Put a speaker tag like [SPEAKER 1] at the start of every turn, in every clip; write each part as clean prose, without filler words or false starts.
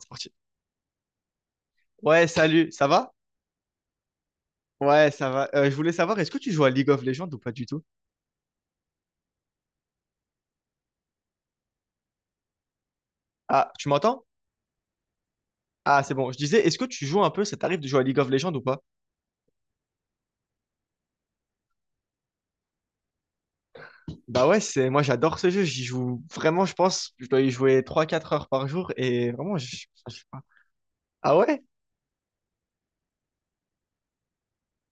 [SPEAKER 1] C'est parti. Ouais, salut, ça va? Ouais, ça va. Je voulais savoir, est-ce que tu joues à League of Legends ou pas du tout? Ah, tu m'entends? Ah, c'est bon. Je disais, est-ce que tu joues un peu, ça t'arrive de jouer à League of Legends ou pas? Bah ouais, c'est moi j'adore ce jeu, j'y joue vraiment, je pense, je dois y jouer 3 4 heures par jour et vraiment, je sais pas. Ah ouais?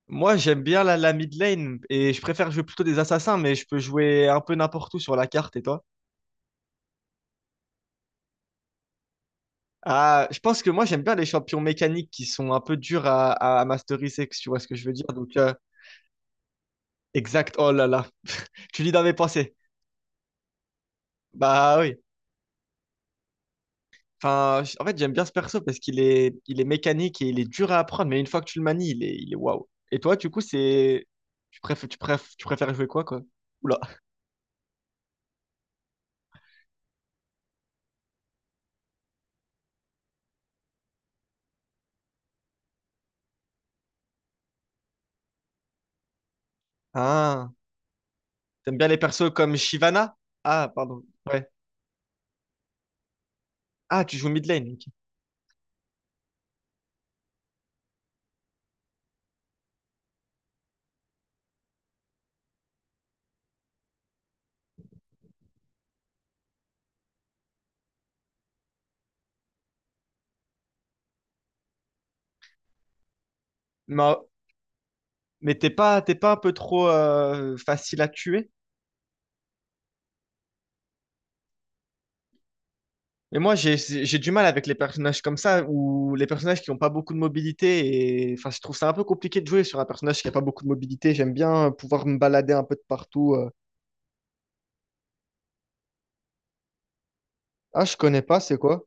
[SPEAKER 1] Moi j'aime bien la mid lane et je préfère jouer plutôt des assassins, mais je peux jouer un peu n'importe où sur la carte et toi? Ah, je pense que moi j'aime bien les champions mécaniques qui sont un peu durs à masteriser, si tu vois ce que je veux dire. Donc, exact, oh là là. Tu lis dans pensé. Bah oui. Enfin, en fait, j'aime bien ce perso parce qu'il est mécanique et il est dur à apprendre, mais une fois que tu le manies, il est waouh. Et toi, du coup, c'est. Tu préfères jouer quoi, quoi? Oula. Ah, t'aimes bien les persos comme Shyvana? Ah, pardon. Ouais. Ah, tu joues mid lane. Ok. Mais, mais t'es pas un peu trop facile à tuer? Mais moi, j'ai du mal avec les personnages comme ça, ou les personnages qui n'ont pas beaucoup de mobilité. Et... Enfin, je trouve ça un peu compliqué de jouer sur un personnage qui n'a pas beaucoup de mobilité. J'aime bien pouvoir me balader un peu de partout. Ah, je connais pas, c'est quoi?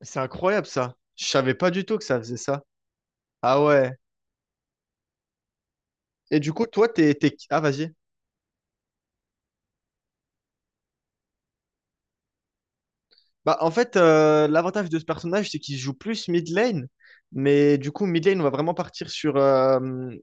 [SPEAKER 1] C'est incroyable ça. Je savais pas du tout que ça faisait ça. Ah ouais. Et du coup, toi, t'es... Ah, vas-y. Bah, en fait, l'avantage de ce personnage, c'est qu'il joue plus mid lane, mais du coup, mid lane, on va vraiment partir sur,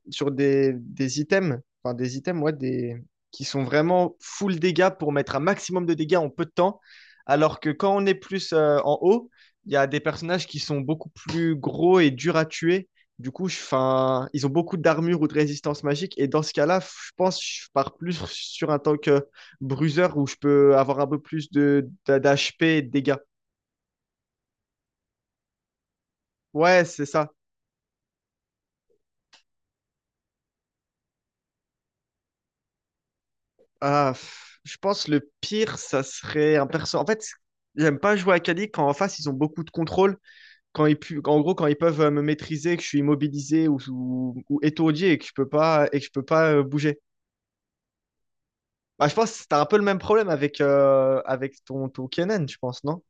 [SPEAKER 1] sur des items, enfin des items, ouais, des... qui sont vraiment full dégâts pour mettre un maximum de dégâts en peu de temps, alors que quand on est plus en haut, il y a des personnages qui sont beaucoup plus gros et durs à tuer. Du coup, 'fin, ils ont beaucoup d'armure ou de résistance magique, et dans ce cas-là, je pense que je pars plus sur un tank bruiser où je peux avoir un peu plus de d'HP et de dégâts. Ouais, c'est ça. Ah, pff, je pense le pire, ça serait un perso. En fait, j'aime pas jouer à Kali quand en face ils ont beaucoup de contrôle. En gros, quand ils peuvent me maîtriser, que je suis immobilisé ou étourdi et que je peux pas, et que je peux pas bouger. Bah, je pense que t'as un peu le même problème avec ton Kennen, je pense, non?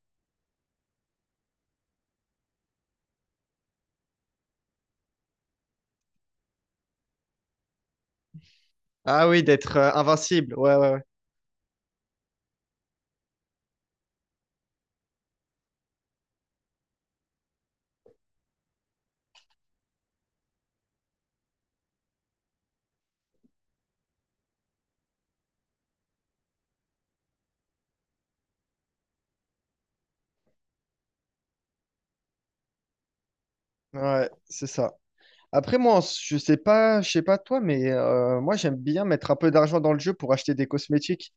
[SPEAKER 1] Ah oui, d'être invincible. Ouais, ouais, ouais. Ouais, c'est ça. Après, moi, je sais pas toi, mais moi, j'aime bien mettre un peu d'argent dans le jeu pour acheter des cosmétiques.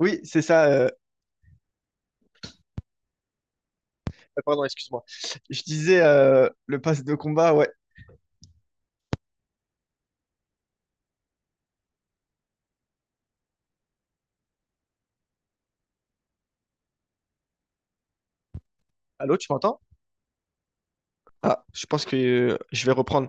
[SPEAKER 1] Oui, c'est ça. Pardon, excuse-moi. Je disais le pass de combat, ouais. Allô, tu m'entends? Ah, je pense que je vais reprendre.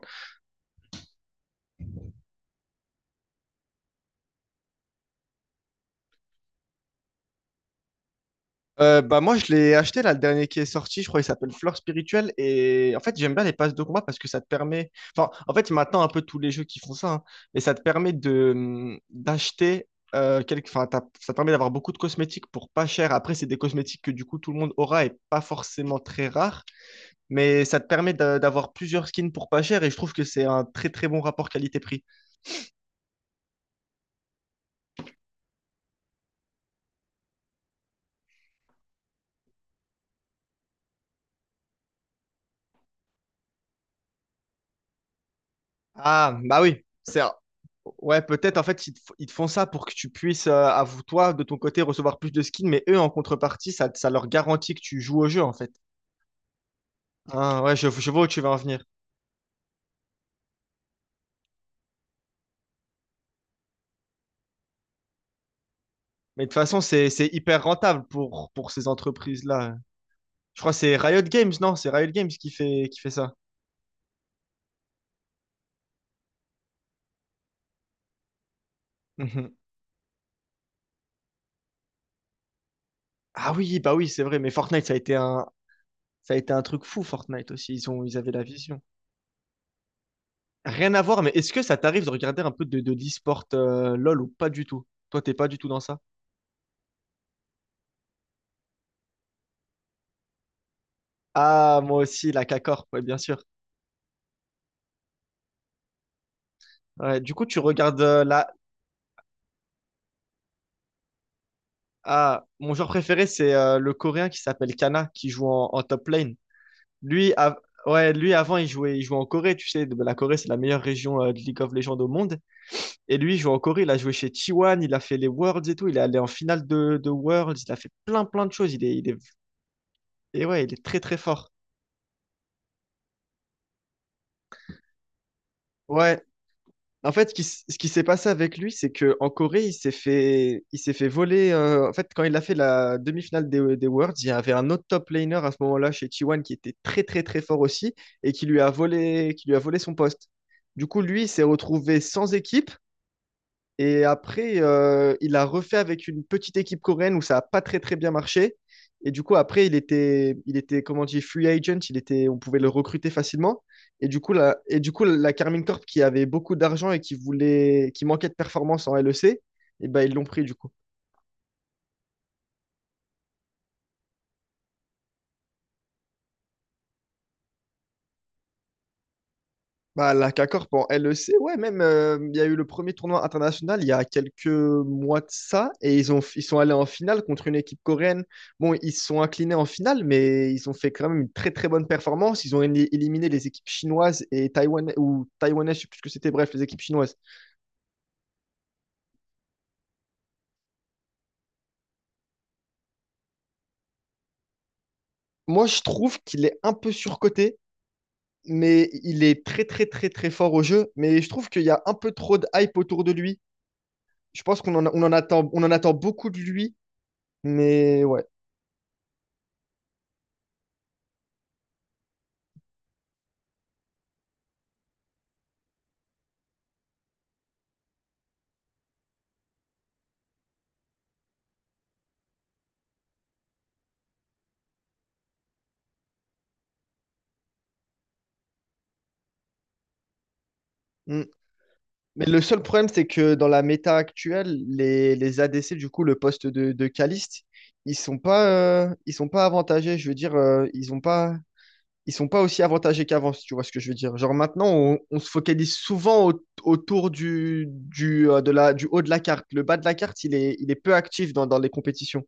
[SPEAKER 1] Bah moi, je l'ai acheté là, le dernier qui est sorti, je crois qu'il s'appelle Fleur Spirituelle. Et en fait, j'aime bien les passes de combat parce que ça te permet. Enfin, en fait, maintenant, un peu tous les jeux qui font ça, hein, mais ça te permet de d'acheter. Enfin, ça te permet d'avoir beaucoup de cosmétiques pour pas cher. Après, c'est des cosmétiques que du coup tout le monde aura et pas forcément très rares. Mais ça te permet d'avoir plusieurs skins pour pas cher et je trouve que c'est un très très bon rapport qualité-prix. Ah, bah oui. C'est... Ouais, peut-être en fait, ils te font ça pour que tu puisses, à vous, toi, de ton côté, recevoir plus de skins, mais eux, en contrepartie, ça leur garantit que tu joues au jeu, en fait. Ah, ouais, je vois où tu veux en venir. Mais de toute façon, c'est hyper rentable pour ces entreprises-là. Je crois que c'est Riot Games, non? C'est Riot Games qui fait ça. Mhm. Ah oui, bah oui, c'est vrai, mais Fortnite, ça a été un truc fou, Fortnite aussi. Ils ont, ils avaient la vision. Rien à voir, mais est-ce que ça t'arrive de regarder un peu de l'e-sport LOL ou pas du tout? Toi, t'es pas du tout dans ça? Ah, moi aussi, la K-Corp, ouais, bien sûr. Ouais, du coup, tu regardes la... Ah, mon joueur préféré, c'est le Coréen qui s'appelle Kana, qui joue en top lane. Lui, av- ouais, lui avant, il jouait en Corée, tu sais. La Corée, c'est la meilleure région de League of Legends au monde. Et lui, il joue en Corée, il a joué chez T1, il a fait les Worlds et tout. Il est allé en finale de Worlds, il a fait plein, plein de choses. Il est... Et ouais, il est très, très fort. Ouais, en fait, ce qui s'est passé avec lui, c'est que en Corée, il s'est fait voler. En fait, quand il a fait la demi-finale des Worlds, il y avait un autre top laner à ce moment-là chez T1 qui était très très très fort aussi et qui lui a volé son poste. Du coup, lui, il s'est retrouvé sans équipe et après, il a refait avec une petite équipe coréenne où ça n'a pas très très bien marché. Et du coup, après, il était comment dire, free agent, il était, on pouvait le recruter facilement. Et du coup, la Carmine Corp qui avait beaucoup d'argent et qui voulait, qui manquait de performance en LEC, et ben, ils l'ont pris du coup. Bah, la CACORP en LEC, ouais, même, il y a eu le premier tournoi international il y a quelques mois de ça, et ils sont allés en finale contre une équipe coréenne. Bon, ils se sont inclinés en finale, mais ils ont fait quand même une très très bonne performance. Ils ont éliminé les équipes chinoises et taïwanaises, ou taïwanaises, je sais plus ce que c'était, bref, les équipes chinoises. Moi, je trouve qu'il est un peu surcoté, mais il est très très très très fort au jeu, mais je trouve qu'il y a un peu trop de hype autour de lui. Je pense qu'on en, a- on en attend beaucoup de lui, mais ouais. Mm. Mais le seul problème, c'est que dans la méta actuelle, les ADC, du coup, le poste de Caliste, ils sont pas avantagés. Je veux dire, ils sont pas aussi avantagés qu'avant, si tu vois ce que je veux dire. Genre maintenant, on se focalise souvent autour du haut de la carte. Le bas de la carte, il est peu actif dans les compétitions.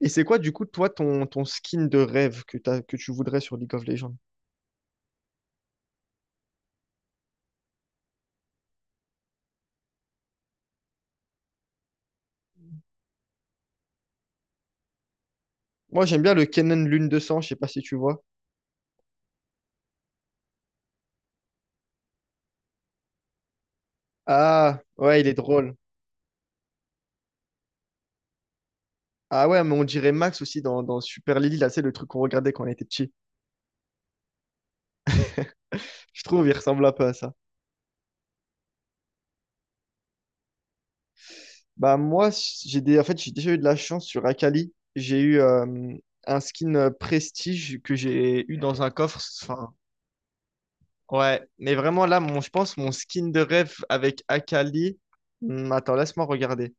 [SPEAKER 1] Et c'est quoi, du coup, toi, ton skin de rêve que t'as, que tu voudrais sur League of Legends? Moi, j'aime bien le Kennen Lune de Sang, je sais pas si tu vois. Ah, ouais, il est drôle. Ah ouais, mais on dirait Max aussi dans Super Lily, là, c'est le truc qu'on regardait quand on était petit. Je trouve, il ressemble un peu à ça. Bah moi, j'ai des... en fait, j'ai déjà eu de la chance sur Akali. J'ai eu un skin Prestige que j'ai eu dans un coffre. Enfin, ouais, mais vraiment là, mon, je pense, mon skin de rêve avec Akali. Hmm, attends, laisse-moi regarder.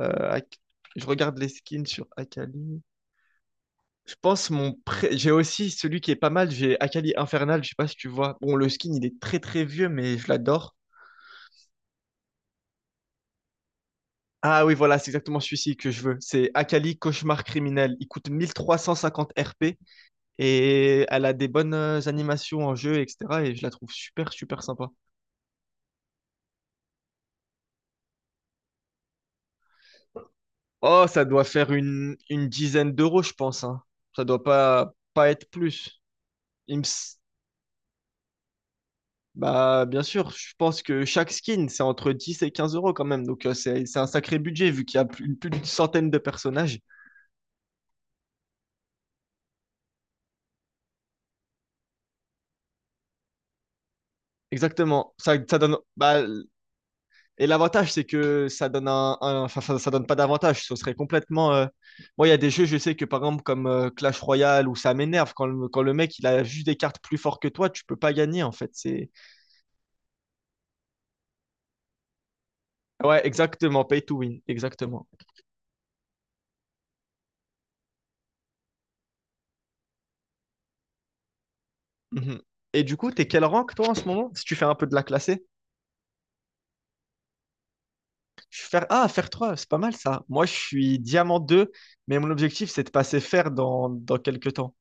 [SPEAKER 1] Euh, Ak- Je regarde les skins sur Akali. Je pense mon pré- J'ai aussi celui qui est pas mal, j'ai Akali Infernal, je sais pas si tu vois. Bon, le skin, il est très très vieux, mais je l'adore. Ah oui, voilà, c'est exactement celui-ci que je veux. C'est Akali, Cauchemar criminel. Il coûte 1350 RP et elle a des bonnes animations en jeu, etc. Et je la trouve super, super sympa. Oh, ça doit faire une dizaine d'euros, je pense, hein. Ça doit pas être plus. Il me s- Bah, bien sûr, je pense que chaque skin, c'est entre 10 et 15 euros quand même. Donc, c'est un sacré budget vu qu'il y a plus d'une centaine de personnages. Exactement. Ça donne. Bah, et l'avantage, c'est que ça donne enfin, ça donne pas d'avantage. Ce serait complètement. Moi, il y a des jeux, je sais que par exemple, comme Clash Royale, où ça m'énerve quand le mec il a juste des cartes plus fortes que toi, tu peux pas gagner en fait. C'est ouais, exactement. Pay to win, exactement. Mhm. Et du coup, t'es quel rank toi en ce moment? Si tu fais un peu de la classée, je suis faire ah faire 3, c'est pas mal ça. Moi, je suis diamant 2, mais mon objectif c'est de passer fer dans quelques temps.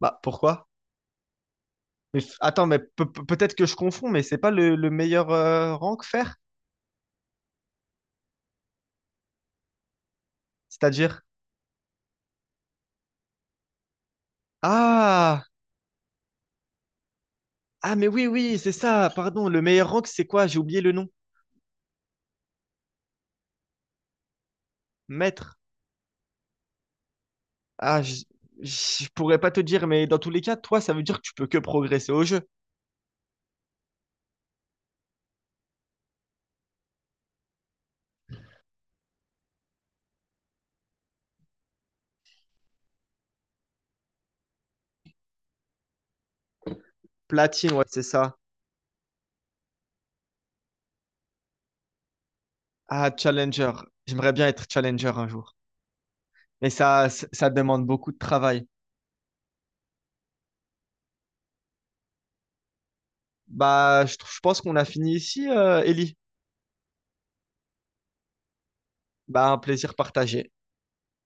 [SPEAKER 1] Bah pourquoi? Attends, mais peut-être que je confonds, mais c'est pas le meilleur rank fer? C'est-à-dire? Ah! Ah, mais oui, oui, c'est ça. Pardon, le meilleur rank, c'est quoi? J'ai oublié le nom. Maître. Ah, je pourrais pas te dire, mais dans tous les cas, toi, ça veut dire que tu peux que progresser au jeu. Platine, ouais, c'est ça. Ah, challenger. J'aimerais bien être challenger un jour. Mais ça demande beaucoup de travail. Bah, je pense qu'on a fini ici, Ellie. Bah, un plaisir partagé.